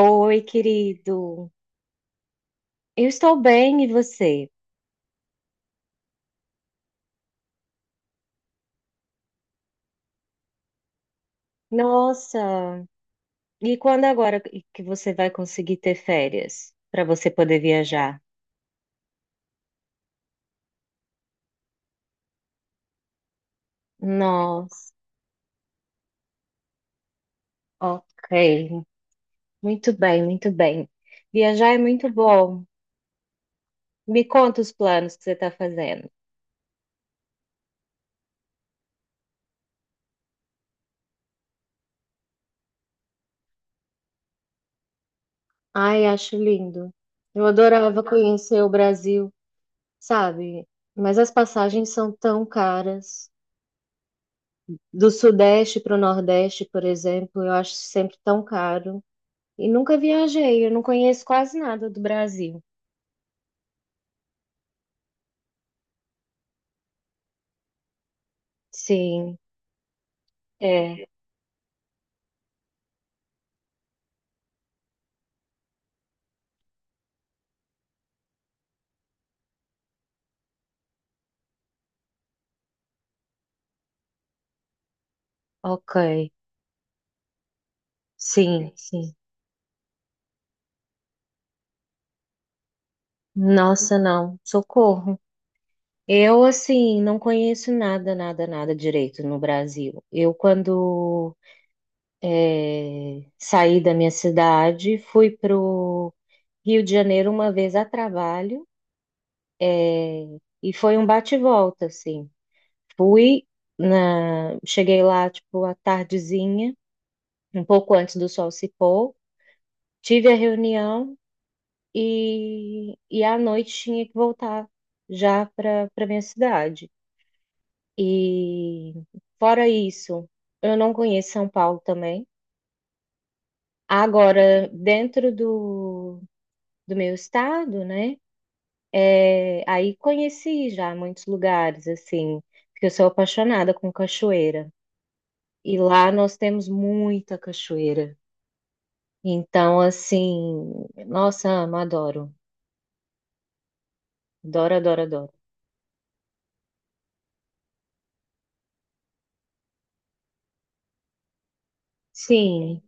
Oi, querido. Eu estou bem, e você? Nossa, e quando agora que você vai conseguir ter férias para você poder viajar? Nossa, ok. Muito bem, muito bem. Viajar é muito bom. Me conta os planos que você está fazendo. Ai, acho lindo. Eu adorava conhecer o Brasil, sabe? Mas as passagens são tão caras. Do Sudeste para o Nordeste, por exemplo, eu acho sempre tão caro. E nunca viajei, eu não conheço quase nada do Brasil. Sim, é, ok. Sim, sim. Nossa, não, socorro. Eu, assim, não conheço nada, nada, nada direito no Brasil. Eu, quando é, saí da minha cidade, fui pro Rio de Janeiro uma vez a trabalho, é, e foi um bate-volta, assim. Fui na, cheguei lá, tipo, à tardezinha, um pouco antes do sol se pôr. Tive a reunião e à noite tinha que voltar já para minha cidade. E fora isso, eu não conheço São Paulo também. Agora, dentro do meu estado, né? É, aí conheci já muitos lugares, assim, porque eu sou apaixonada com cachoeira. E lá nós temos muita cachoeira. Então, assim, nossa, amo, adoro. Adoro, adoro, adoro. Sim,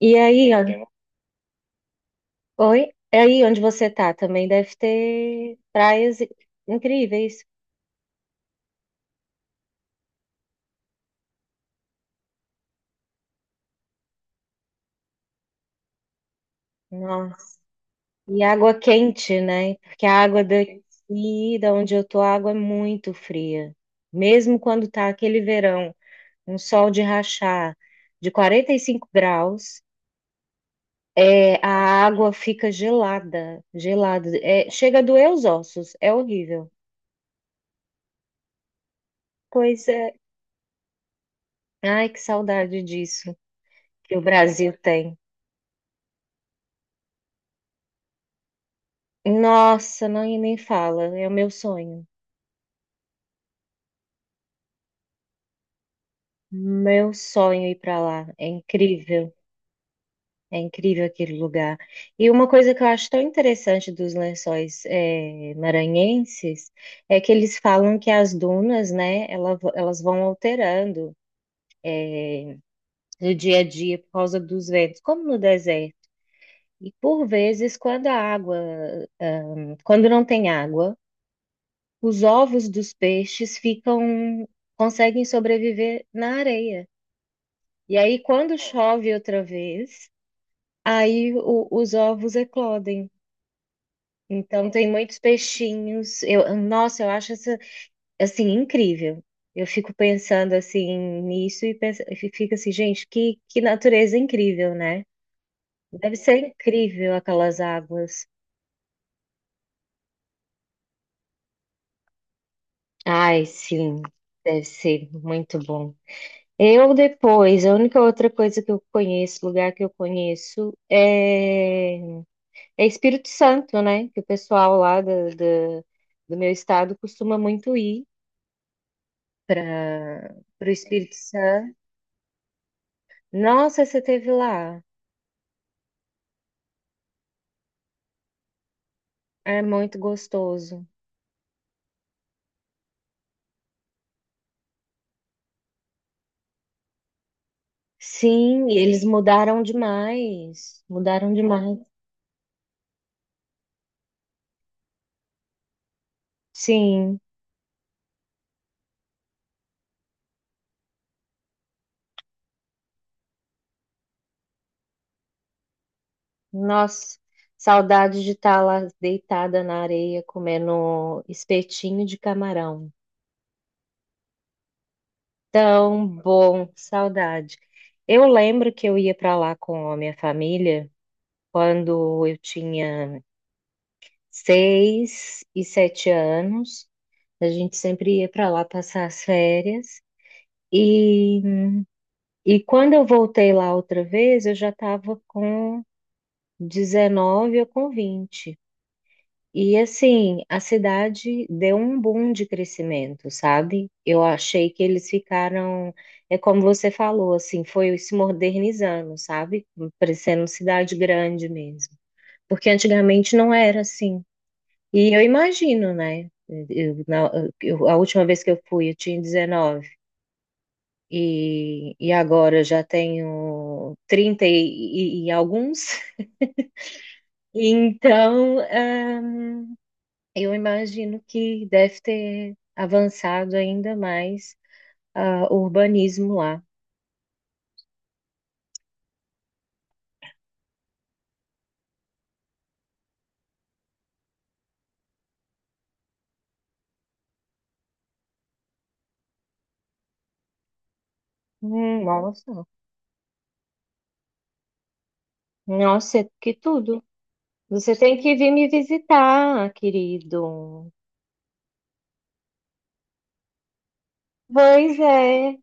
e aí, ó, tem oi? É aí onde você tá também deve ter praias incríveis. Nossa. E água quente, né? Porque a água daqui, da onde eu tô, a água é muito fria. Mesmo quando tá aquele verão, um sol de rachar de 45°, é, a água fica gelada, gelada. É, chega a doer os ossos, é horrível. Pois é. Ai, que saudade disso que o Brasil tem. Nossa, não nem fala. É o meu sonho. Meu sonho ir para lá. É incrível. É incrível aquele lugar. E uma coisa que eu acho tão interessante dos lençóis maranhenses é que eles falam que as dunas, né, elas vão alterando do dia a dia por causa dos ventos, como no deserto. E por vezes, quando a água, quando não tem água, os ovos dos peixes ficam, conseguem sobreviver na areia. E aí, quando chove outra vez, aí os ovos eclodem. Então, tem muitos peixinhos. Eu, nossa, eu acho essa, assim, incrível. Eu fico pensando, assim, nisso penso, e fico assim, gente, que natureza incrível, né? Deve ser incrível aquelas águas. Ai, sim, deve ser muito bom. Eu depois, a única outra coisa que eu conheço, lugar que eu conheço, é é Espírito Santo, né? Que o pessoal lá do meu estado costuma muito ir para o Espírito Santo. Nossa, você teve lá. É muito gostoso. Sim, e eles mudaram demais. Mudaram demais. Sim. Nossa, saudade de estar lá deitada na areia comendo espetinho de camarão. Tão bom, saudade. Eu lembro que eu ia para lá com a minha família. Quando eu tinha seis e sete anos, a gente sempre ia para lá passar as férias. E, e quando eu voltei lá outra vez, eu já estava com 19 ou com vinte. E assim, a cidade deu um boom de crescimento, sabe? Eu achei que eles ficaram, é como você falou, assim, foi se modernizando, sabe? Parecendo cidade grande mesmo. Porque antigamente não era assim. E eu imagino, né? A última vez que eu fui, eu tinha dezenove. E agora eu já tenho 30 e alguns. Então, ah, eu imagino que deve ter avançado ainda mais o urbanismo lá. Nossa, nossa, que tudo. Você tem que vir me visitar, querido. Pois é,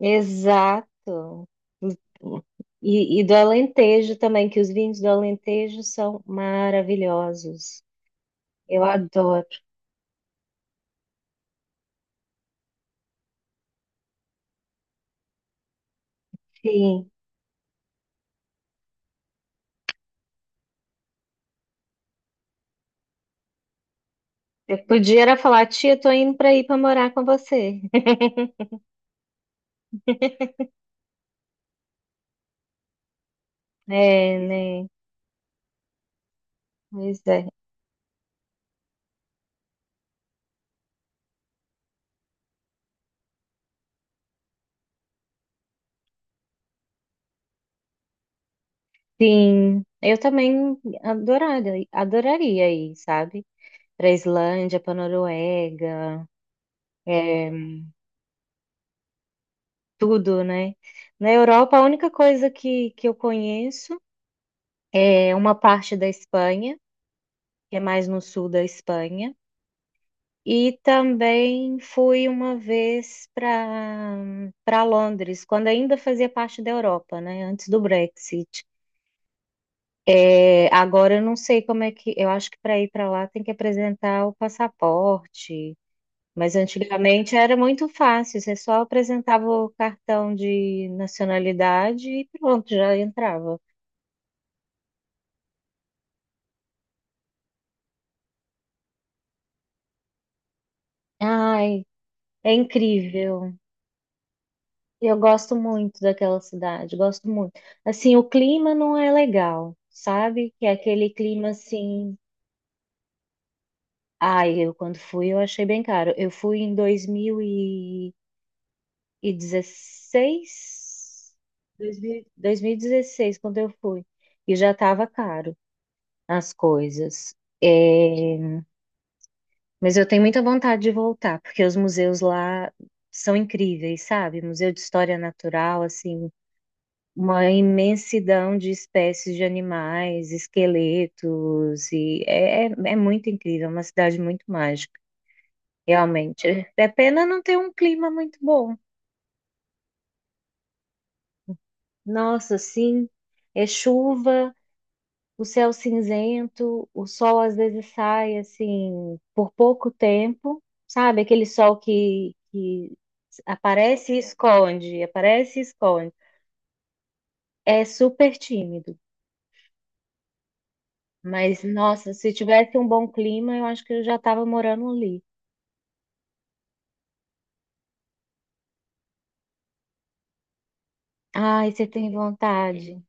exato. E do Alentejo também, que os vinhos do Alentejo são maravilhosos. Eu adoro. Sim. Eu podia era falar, tia, tô indo para ir para morar com você. É, né? Pois é. Sim. Eu também adoraria, adoraria ir, sabe? Para Islândia, para Noruega, é, tudo, né? Na Europa, a única coisa que eu conheço é uma parte da Espanha, que é mais no sul da Espanha. E também fui uma vez para Londres, quando ainda fazia parte da Europa, né? Antes do Brexit. É, agora eu não sei como é que. Eu acho que para ir para lá tem que apresentar o passaporte. Mas antigamente era muito fácil, você só apresentava o cartão de nacionalidade e pronto, já entrava. Ai, é incrível. Eu gosto muito daquela cidade, gosto muito. Assim, o clima não é legal, sabe? Que é aquele clima assim. Ai, eu quando fui eu achei bem caro. Eu fui em dois mil e dezesseis, dois mil e dezesseis, quando eu fui, e já estava caro as coisas. É, mas eu tenho muita vontade de voltar, porque os museus lá são incríveis, sabe? Museu de História Natural, assim. Uma imensidão de espécies de animais, esqueletos, e é muito incrível, é uma cidade muito mágica, realmente. É pena não ter um clima muito bom. Nossa, sim, é chuva, o céu cinzento, o sol às vezes sai assim por pouco tempo, sabe? Aquele sol que aparece e esconde, aparece e esconde. É super tímido. Mas, nossa, se tivesse um bom clima, eu acho que eu já estava morando ali. Ai, você tem vontade?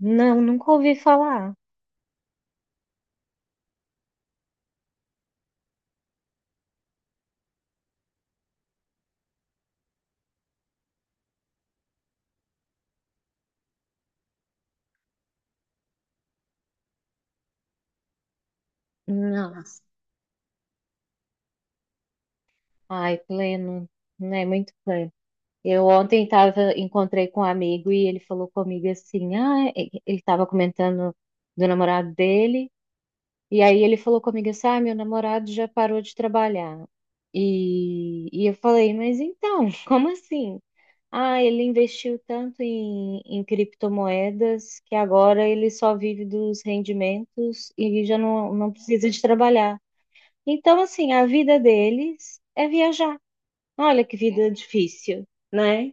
Não, nunca ouvi falar. Nossa. Ai, pleno, né? Muito pleno. Eu ontem tava, encontrei com um amigo e ele falou comigo assim, ah, ele estava comentando do namorado dele, e aí ele falou comigo assim, ah, meu namorado já parou de trabalhar. E eu falei, mas então, como assim? Ah, ele investiu tanto em criptomoedas que agora ele só vive dos rendimentos e já não precisa de trabalhar. Então, assim, a vida deles é viajar. Olha que vida difícil, né?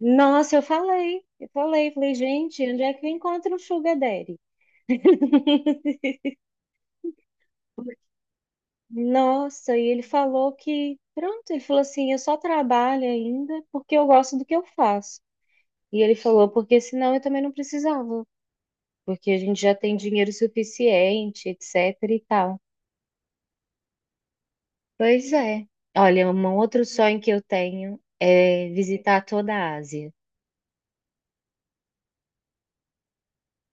Nossa, falei, gente, onde é que eu encontro o Sugar Daddy? Nossa, e ele falou que, pronto, ele falou assim, eu só trabalho ainda porque eu gosto do que eu faço. E ele falou, porque senão eu também não precisava. Porque a gente já tem dinheiro suficiente, etc e tal. Pois é. Olha, um outro sonho que eu tenho é visitar toda a Ásia.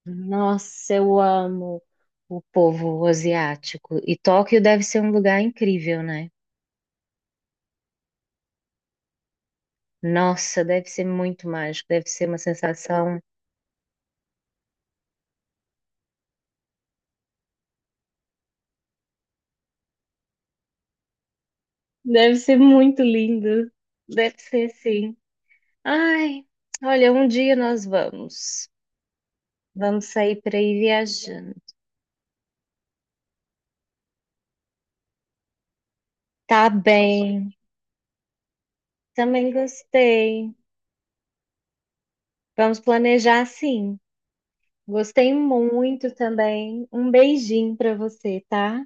Nossa, eu amo o povo asiático. E Tóquio deve ser um lugar incrível, né? Nossa, deve ser muito mágico, deve ser uma sensação. Deve ser muito lindo. Deve ser sim. Ai, olha, um dia nós vamos. Vamos sair para ir viajando. Tá bem. Também gostei. Vamos planejar sim. Gostei muito também. Um beijinho para você, tá?